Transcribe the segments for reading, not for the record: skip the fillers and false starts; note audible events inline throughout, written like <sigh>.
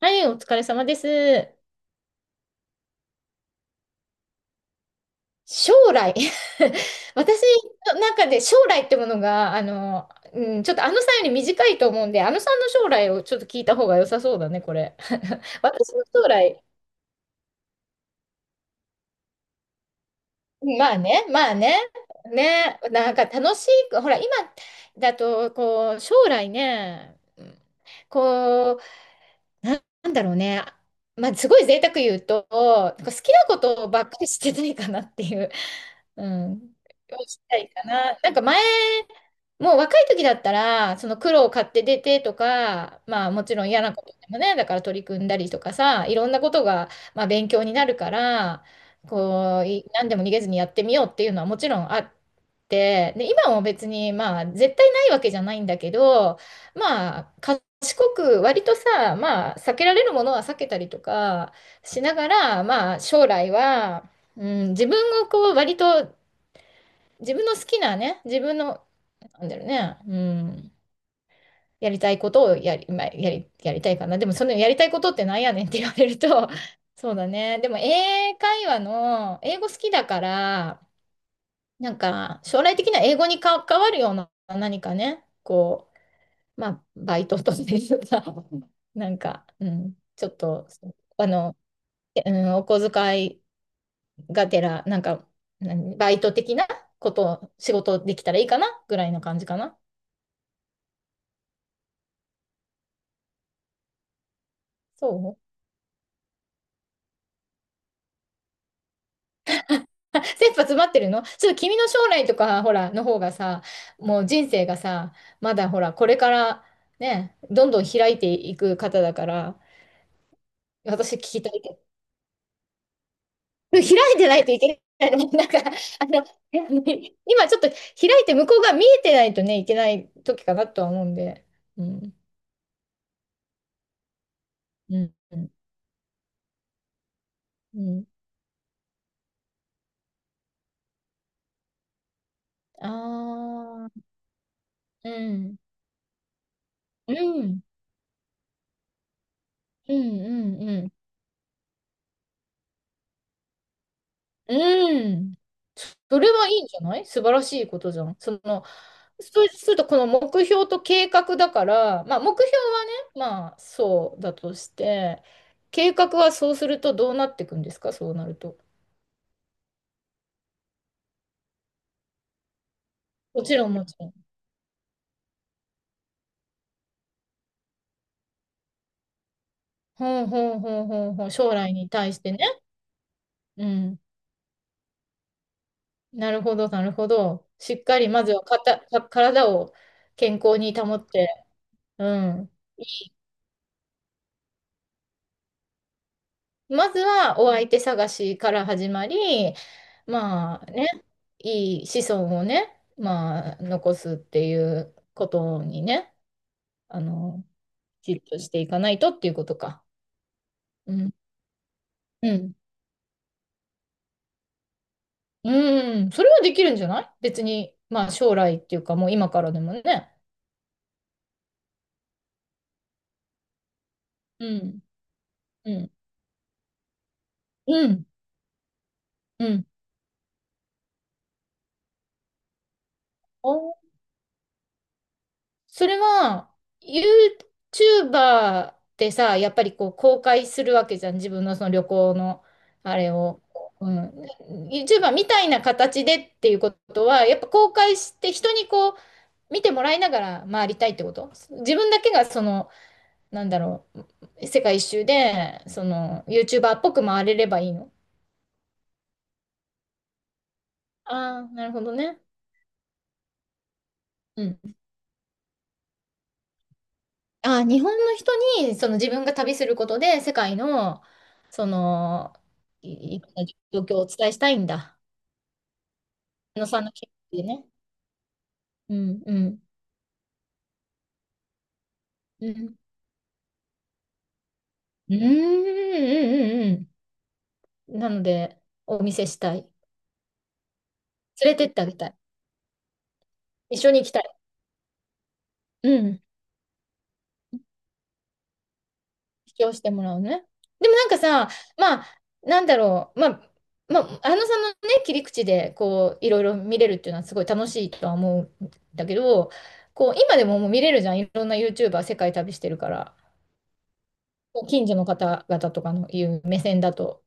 はい、お疲れ様です。将来？ <laughs> 私の中で将来ってものが、うん、ちょっとあのさんより短いと思うんで、あのさんの将来をちょっと聞いた方が良さそうだね、これ。<laughs> 私の将来、まあね、まあね、ね、なんか楽しい、ほら、今だと、こう、将来ね、こう、なんだろうね、まあ、すごい贅沢言うと、なんか好きなことばっかりしてないかなっていう。うん。をしたいかな。なんか前、もう若い時だったら、その苦労を買って出てとか、まあもちろん嫌なことでもね、だから取り組んだりとかさ、いろんなことが、まあ、勉強になるから、こう、何でも逃げずにやってみようっていうのはもちろんあって、で、今も別にまあ絶対ないわけじゃないんだけど、まあ賢く割とさ、まあ避けられるものは避けたりとかしながら、まあ将来は、うん、自分をこう割と自分の好きなね、自分の、なんだろうね、うん、やりたいことをやり、やりたいかな。でも、そのやりたいことってなんやねんって <laughs> 言われると、<laughs> そうだね。でも、英会話の、英語好きだから、なんか、将来的な英語に関わるような何かね、こう、まあ、バイトとしてさ、<laughs> なんか、うん、ちょっと、あの、うん、お小遣いがてら、なんか、何バイト的なことを仕事できたらいいかなぐらいな感じかな。そう。あ、切羽詰まってるのちょっと君の将来とか、ほら、の方がさ、もう人生がさ、まだほら、これからね、どんどん開いていく方だから、私聞きたいけど、開いてないといけないの。なんか、<laughs> 今ちょっと開いて向こうが見えてないとね、いけない時かなとは思うんで。うん。うん。うん。ああー。うん。うん。うん。うん。うん。うん。それはいいんじゃない？素晴らしいことじゃん。その、そうすると、この目標と計画だから、まあ、目標はね、まあ、そうだとして、計画はそうするとどうなっていくんですか、そうなると。もちろん、もちろん。ほんほんほんほんほん、将来に対してね。うん。なるほど、なるほど。しっかり、まずはかた、か、体を健康に保って、うん。まずはお相手探しから始まり、まあね、いい子孫をね、まあ残すっていうことにね、あの、きちっとしていかないとっていうことか。うん。うん。うん。それはできるんじゃない？別に、まあ将来っていうかもう今からでもね。うん。うん。うん。うん。それは、YouTuber ってさ、やっぱりこう公開するわけじゃん。自分のその旅行のあれを。うん。YouTuber みたいな形でっていうことは、やっぱ公開して人にこう見てもらいながら回りたいってこと？自分だけがその、なんだろう、世界一周で、その YouTuber っぽく回れればいいの？ああー、なるほどね。うん。あ、日本の人に、その自分が旅することで、世界の、その、いろんな状況をお伝えしたいんだ。あのさんの気持ちでね。うん、うん、うん。うん、うん、うん、うん。なので、お見せしたい。連れてってあげたい。一緒に行きたい。うん。主張してもらうね。でもなんかさ、まあ、なんだろう、まあ、まあ、あのさんのね、切り口で、こう、いろいろ見れるっていうのはすごい楽しいとは思うんだけど、こう、今でももう見れるじゃん。いろんな YouTuber 世界旅してるから、こう近所の方々とかのいう目線だと、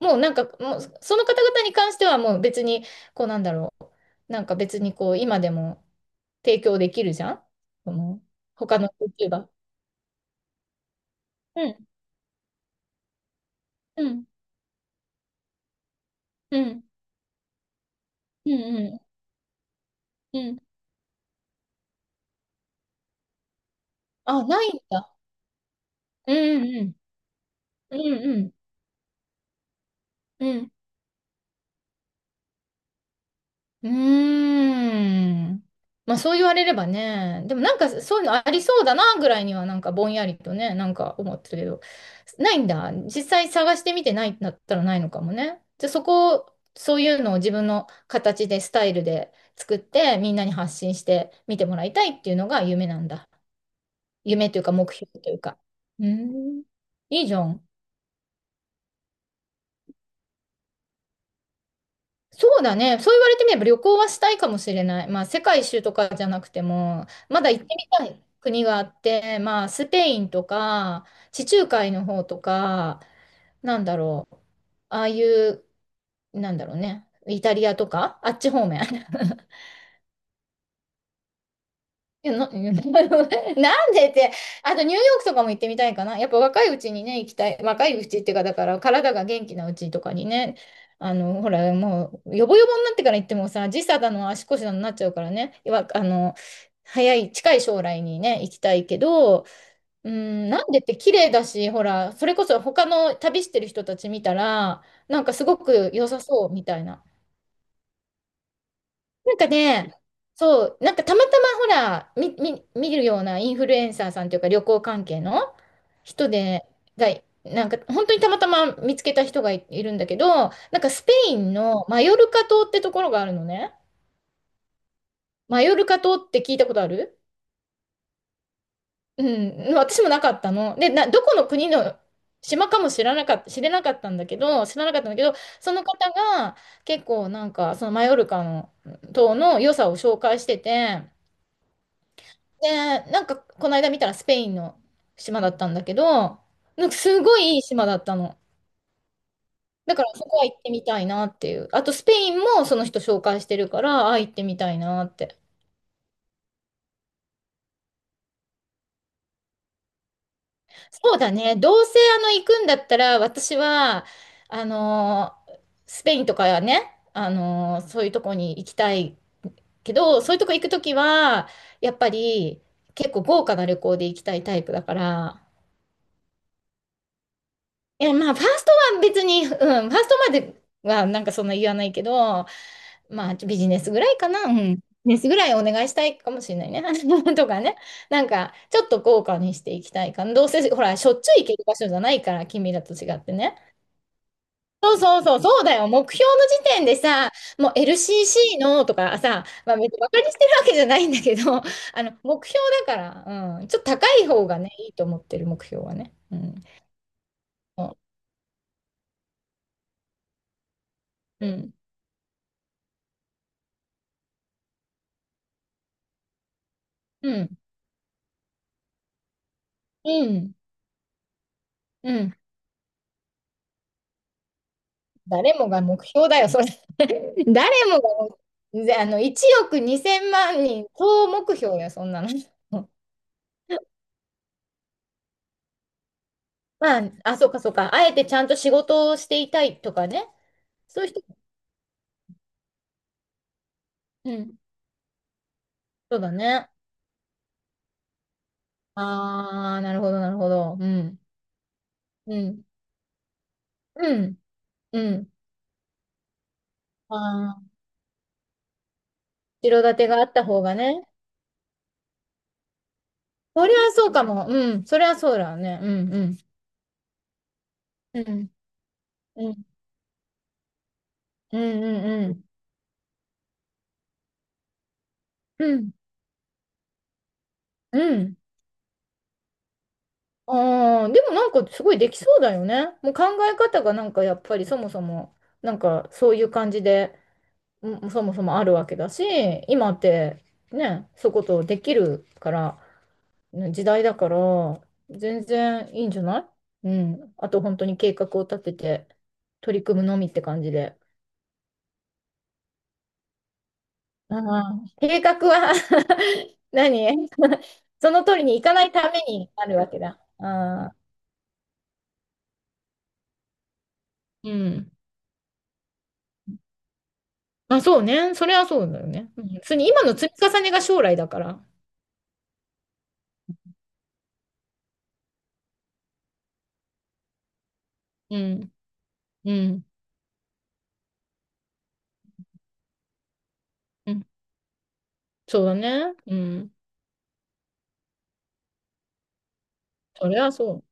もうなんか、もうその方々に関してはもう別に、こうなんだろう、なんか別にこう、今でも提供できるじゃん。その他の YouTuber。うん、うん、うん、うん、うん、うん。あ、ないんだ。うんうん。うんうん。うん。うーん。まあそう言われればね。でもなんかそういうのありそうだなぐらいにはなんかぼんやりとね、なんか思ってるけど。ないんだ。実際探してみてないんだったらないのかもね。じゃあそこを、そういうのを自分の形で、スタイルで作って、みんなに発信して見てもらいたいっていうのが夢なんだ。夢というか目標というか。うーん。いいじゃん。そうだね。そう言われてみれば旅行はしたいかもしれない。まあ、世界一周とかじゃなくても、まだ行ってみたい国があって、まあ、スペインとか、地中海の方とか、なんだろう。ああいう、なんだろうね。イタリアとか、あっち方面。<laughs> いや、<laughs> なんでって、あとニューヨークとかも行ってみたいかな。やっぱ若いうちにね、行きたい。若いうちっていうか、だから体が元気なうちとかにね、ほら、もう、ヨボヨボになってから行ってもさ、時差だの足腰だのなっちゃうからね、わあの、早い、近い将来にね、行きたいけど、うん、なんでって綺麗だし、ほら、それこそ他の旅してる人たち見たら、なんかすごく良さそうみたいな。なんかね、そう、なんかたまたまほら、見るようなインフルエンサーさんというか旅行関係の人で、が、なんか本当にたまたま見つけた人がいるんだけど、なんかスペインのマヨルカ島ってところがあるのね。マヨルカ島って聞いたことある？うん、私もなかったの。で、な、どこの国の島かも知れなかったんだけど、知らなかったんだけど、その方が結構なんかそのマヨルカの島の良さを紹介してて、で、なんか、この間見たらスペインの島だったんだけど、なんかすごいいい島だったの。だからそこは行ってみたいなっていう。あとスペインもその人紹介してるから、あ、行ってみたいなって。そうだね。どうせあの行くんだったら、私は、あのー、スペインとかね、あのーそういうとこに行きたいけど、そういうとこ行くときは、やっぱり結構豪華な旅行で行きたいタイプだから、いや、まあ、ファーストは別に、うん、ファーストまではなんかそんな言わないけど、まあ、ビジネスぐらいかな、うん。ビジネスぐらいお願いしたいかもしれないね。<laughs> とかね。なんか、ちょっと豪華にしていきたいかな。どうせ、ほら、しょっちゅう行ける場所じゃないから、君らと違ってね。そうそうそう、そうだよ。目標の時点でさ、もう LCC のとかさ、まあ、別にバカにしてるわけじゃないんだけど、<laughs> 目標だから、うん、ちょっと高い方がね、いいと思ってる、目標はね。うん。そう。うん。うん。うん。うん。誰もが目標だよ、それ。<laughs> 誰もが、ぜ1億2000万人、総目標よ、そんなの。<laughs> まあ、あ、そうか、そうか。あえてちゃんと仕事をしていたいとかね。そういう人、うん。そうだね。ああ、なるほど、なるほど。うん。うん。うん。うん。ああ、後ろ盾があった方がね。それはそうかも。うん。それはそうだよね。うん、うん。うん。うん。うん、うん、うん。うん。うん。ああ、でもなんかすごいできそうだよね。もう考え方がなんかやっぱりそもそも、なんかそういう感じで、うん、そもそもあるわけだし、今ってね、そういうことできるから、ね、時代だから、全然いいんじゃない？うん。あと本当に計画を立てて、取り組むのみって感じで。ああ、計画は <laughs> 何？ <laughs> その通りにいかないためにあるわけだ。ああ、うん。あ、そうね。それはそうだよね。うん、普通に今の積み重ねが将来だから。うん、うん、うん、そうだね。うん、それはそ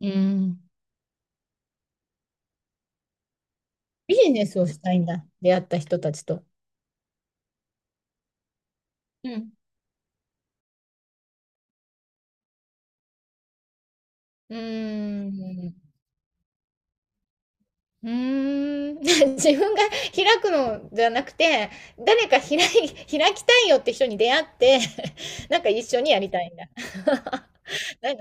う。うん、ビジネスをしたいんだ。出会った人たちと。うん、うーん、うーん。 <laughs> 自分が開くのじゃなくて、誰か開い、開きたいよって人に出会って、<laughs> なんか一緒にやりたいんだ。<laughs> な